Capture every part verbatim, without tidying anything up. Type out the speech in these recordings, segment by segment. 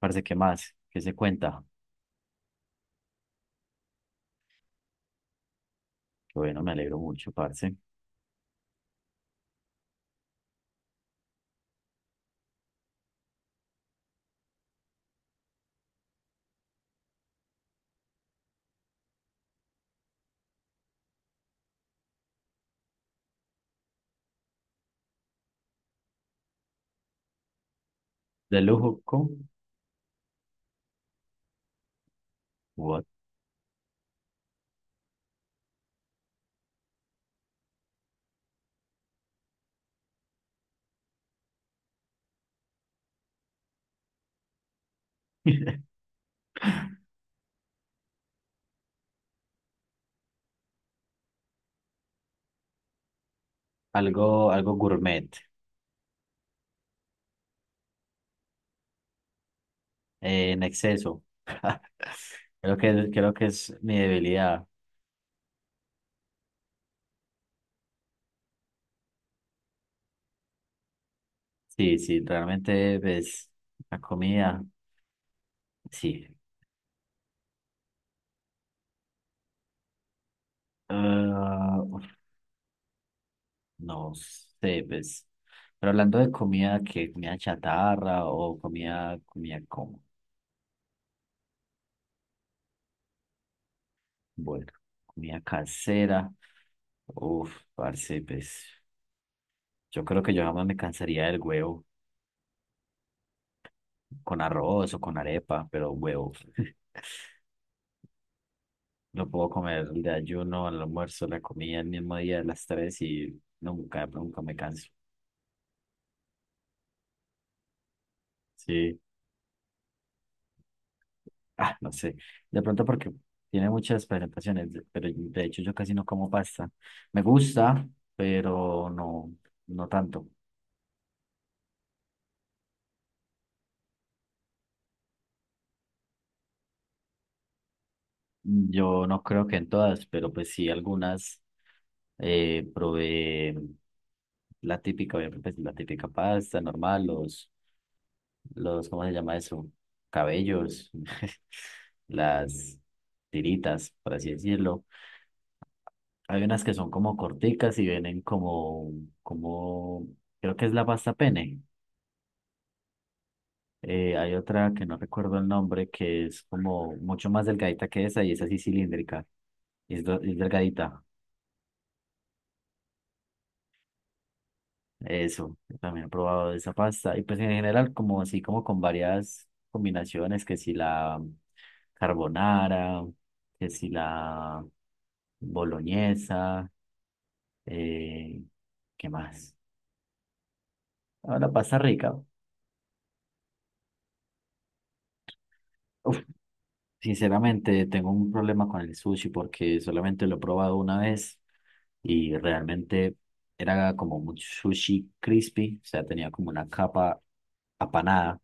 Parce, ¿qué más? ¿Qué se cuenta? Que bueno, me alegro mucho, parce. De lujo con what? Algo, algo gourmet, eh, en exceso. Creo que, creo que es mi debilidad. Sí, sí, realmente ves la comida, sí. Ah, uf, no sé, pues. Pero hablando de comida, ¿qué? ¿Comida chatarra o comida, comida como? Bueno, comida casera. Uf, parce, pues. Yo creo que yo jamás me cansaría del huevo con arroz o con arepa, pero huevo. Lo puedo comer el ayuno el almuerzo, la comida el mismo día a las tres y nunca, nunca me canso. Sí, ah, no sé. De pronto porque tiene muchas presentaciones, de- pero de hecho yo casi no como pasta. Me gusta, pero no, no tanto. Yo no creo que en todas, pero pues sí algunas eh, probé la típica, obviamente, pues, la típica pasta normal, los los, ¿cómo se llama eso? Cabellos, las tiritas, por así decirlo. Hay unas que son como corticas y vienen como, como, creo que es la pasta pene. Eh, hay otra que no recuerdo el nombre que es como mucho más delgadita que esa y es así cilíndrica, y es, do- es delgadita. Eso, yo también he probado esa pasta. Y pues en general como así como con varias combinaciones que si la carbonara, que si la boloñesa, eh, ¿qué más? Ahora pasta rica. Uf, sinceramente tengo un problema con el sushi porque solamente lo he probado una vez y realmente era como un sushi crispy, o sea, tenía como una capa apanada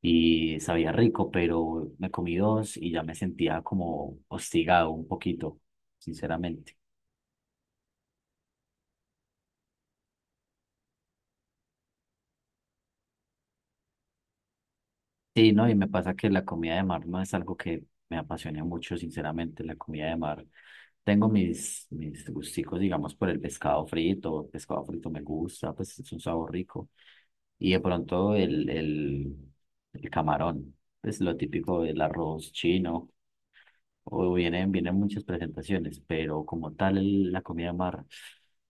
y sabía rico, pero me comí dos y ya me sentía como hostigado un poquito, sinceramente. Sí, no, y me pasa que la comida de mar no es algo que me apasiona mucho, sinceramente, la comida de mar. Tengo mis, mis gusticos, digamos, por el pescado frito, el pescado frito me gusta, pues es un sabor rico. Y de pronto el, el, el camarón, pues lo típico del arroz chino, o vienen, vienen muchas presentaciones, pero como tal el- la comida de mar,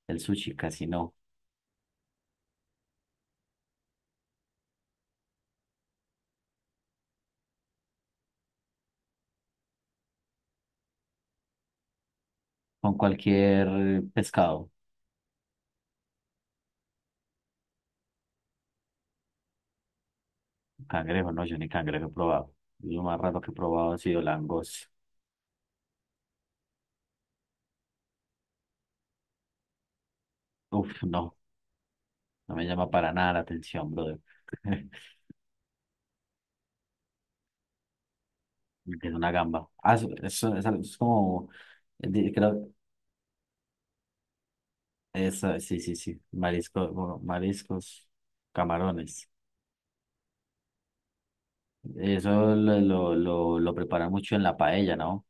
el sushi casi no, con cualquier pescado. Cangrejo, no, yo ni cangrejo he probado. Lo más raro que he probado ha sido langosta. Uf, no, no me llama para nada la atención, brother. Es una gamba. Ah, eso, eso- eso es como, eh, di- creo, eso, sí, sí, sí, marisco, bueno, mariscos, camarones. Eso lo, lo, lo, lo preparan mucho en la paella, ¿no?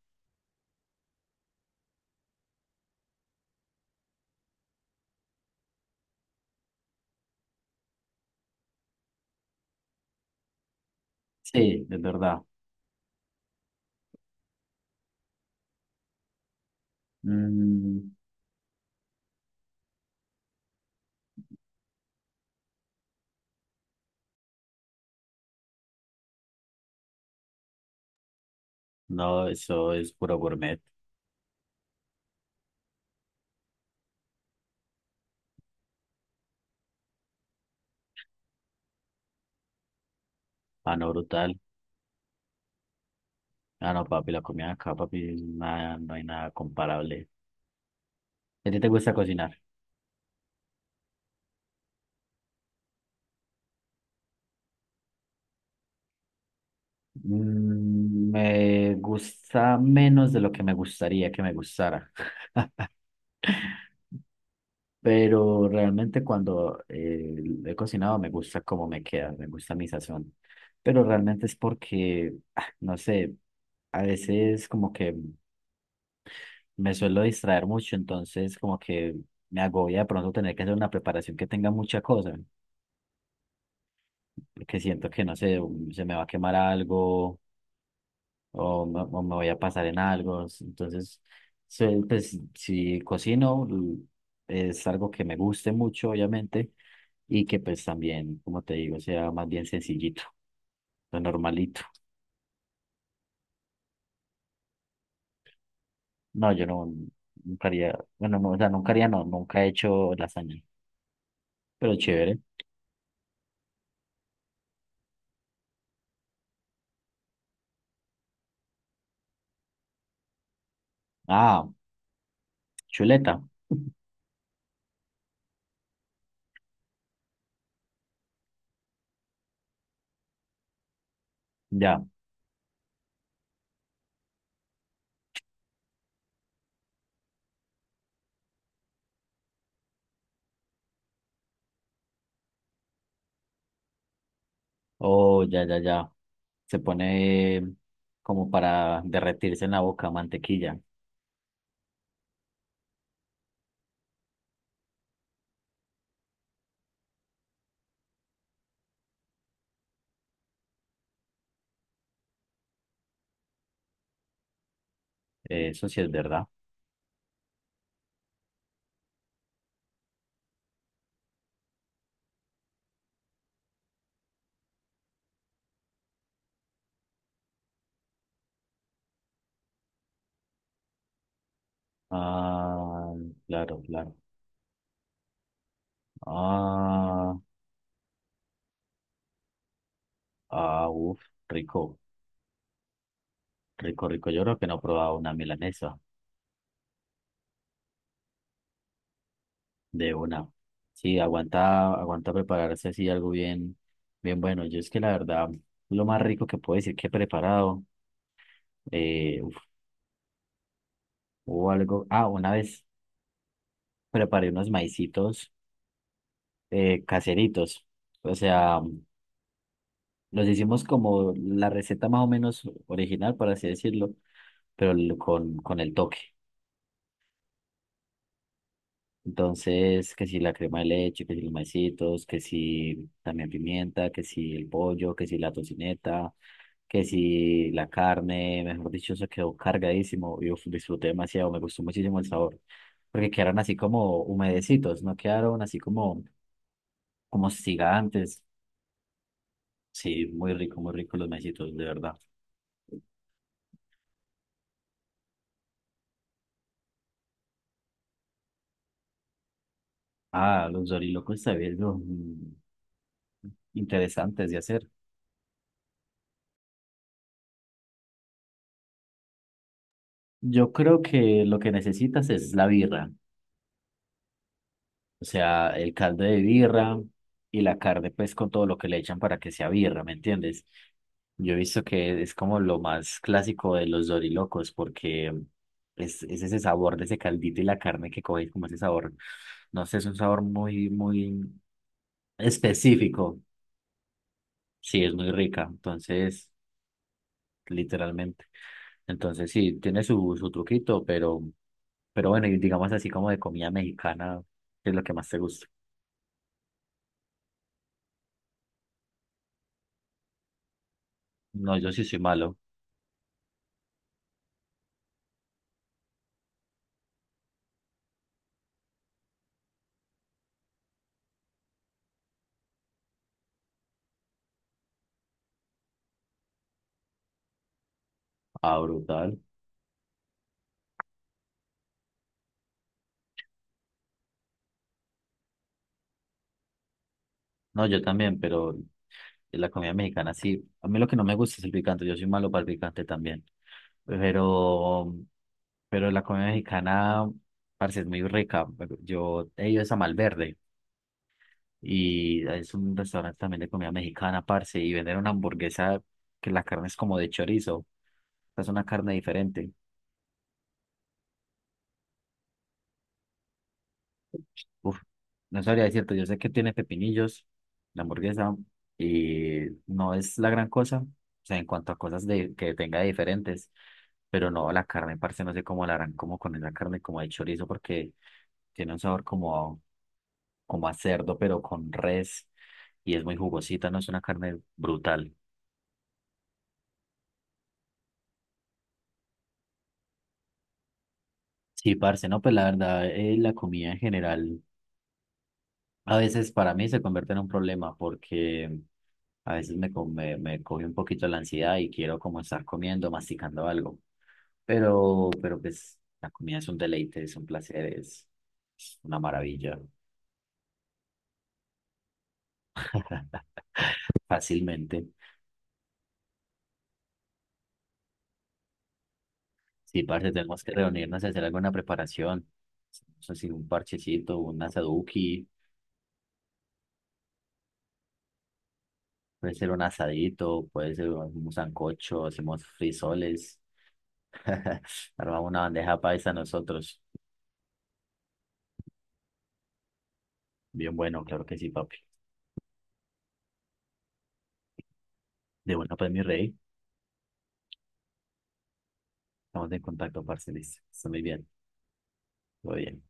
Sí, es verdad. Mm, no, eso es puro gourmet. Ah, no, brutal. Ah, no, papi, la comida acá, papi, nada, no hay nada comparable. ¿A ti te gusta cocinar? Mm, me gusta menos de lo que me gustaría que me gustara, pero realmente cuando eh, he cocinado me gusta cómo me queda, me gusta mi sazón, pero realmente es porque, ah, no sé, a veces como que me suelo distraer mucho, entonces como que me agobia de pronto tener que hacer una preparación que tenga mucha cosa, porque siento que, no sé, se me va a quemar algo o me, o me voy a pasar en algo. Entonces, se- pues si cocino, l- es algo que me guste mucho, obviamente, y que pues también, como te digo, sea más bien sencillito, lo normalito. No, yo no, nunca haría, bueno, no, o sea, nunca haría, no, nunca he hecho lasaña, pero chévere. Ah, chuleta, ya, oh, ya, ya, ya. Se pone como para derretirse en la boca mantequilla. Eso sí es verdad. Ah, claro, claro. Ah, ah, uf, rico, rico, rico. Yo creo que no he probado una milanesa de una. Sí, aguanta, aguanta prepararse así algo bien, bien bueno. Yo es que la verdad, lo más rico que puedo decir que he preparado, eh, uf, hubo algo. Ah, una vez preparé unos maicitos eh, caseritos. O sea, los hicimos como la receta más o menos original, por así decirlo, pero l- con, con el toque. Entonces, que si la crema de leche, que si los maicitos, que si también pimienta, que si el pollo, que si la tocineta, que si la carne, mejor dicho, se quedó cargadísimo. Yo disfruté demasiado, me gustó muchísimo el sabor, porque quedaron así como humedecitos, no quedaron así como, como gigantes. Sí, muy rico, muy rico los maicitos, de verdad. Ah, los dorilocos también son interesantes de hacer. Yo creo que lo que necesitas es la birra. O sea, el caldo de birra y la carne, pues con todo lo que le echan para que sea birra, ¿me entiendes? Yo he visto que es como lo más clásico de los dorilocos, porque es, es ese sabor de ese caldito y la carne que coge, como ese sabor, no sé, es un sabor muy, muy específico. Sí, es muy rica, entonces, literalmente. Entonces, sí, tiene su, su truquito, pero, pero bueno, y digamos así como de comida mexicana, ¿qué es lo que más te gusta? No, yo sí soy malo. Ah, brutal. No, yo también, pero la comida mexicana sí. A mí lo que no me gusta es el picante. Yo soy malo para el picante también. Pero, pero la comida mexicana, parece es muy rica. Yo he ido es a Malverde y es un restaurante también de comida mexicana, parce, y venden una hamburguesa que la carne es como de chorizo. O sea, es una carne diferente. Uf, no sabría decirte, yo sé que tiene pepinillos, la hamburguesa, y no es la gran cosa, o sea, en cuanto a cosas de, que tenga diferentes, pero no, la carne, parce, no sé cómo la harán, como con esa carne, como de chorizo, porque tiene un sabor como, como a cerdo, pero con res, y es muy jugosita, no es una carne brutal. Sí, parce, no, pues la verdad, eh, la comida en general a veces para mí se convierte en un problema, porque a veces me, co- me, me coge un poquito la ansiedad y quiero como estar comiendo, masticando algo. Pero, pero pues la comida es un deleite, es un placer, es es una maravilla. Fácilmente. Sí, parce, tenemos que reunirnos y hacer alguna preparación. No sé si un parchecito, un asaduki, puede ser un asadito, puede ser un sancocho, hacemos frisoles. Armamos una bandeja paisa nosotros. Bien bueno, claro que sí, papi. De bueno, pues mi rey, estamos en contacto, parce, listo. Está muy bien. Muy bien.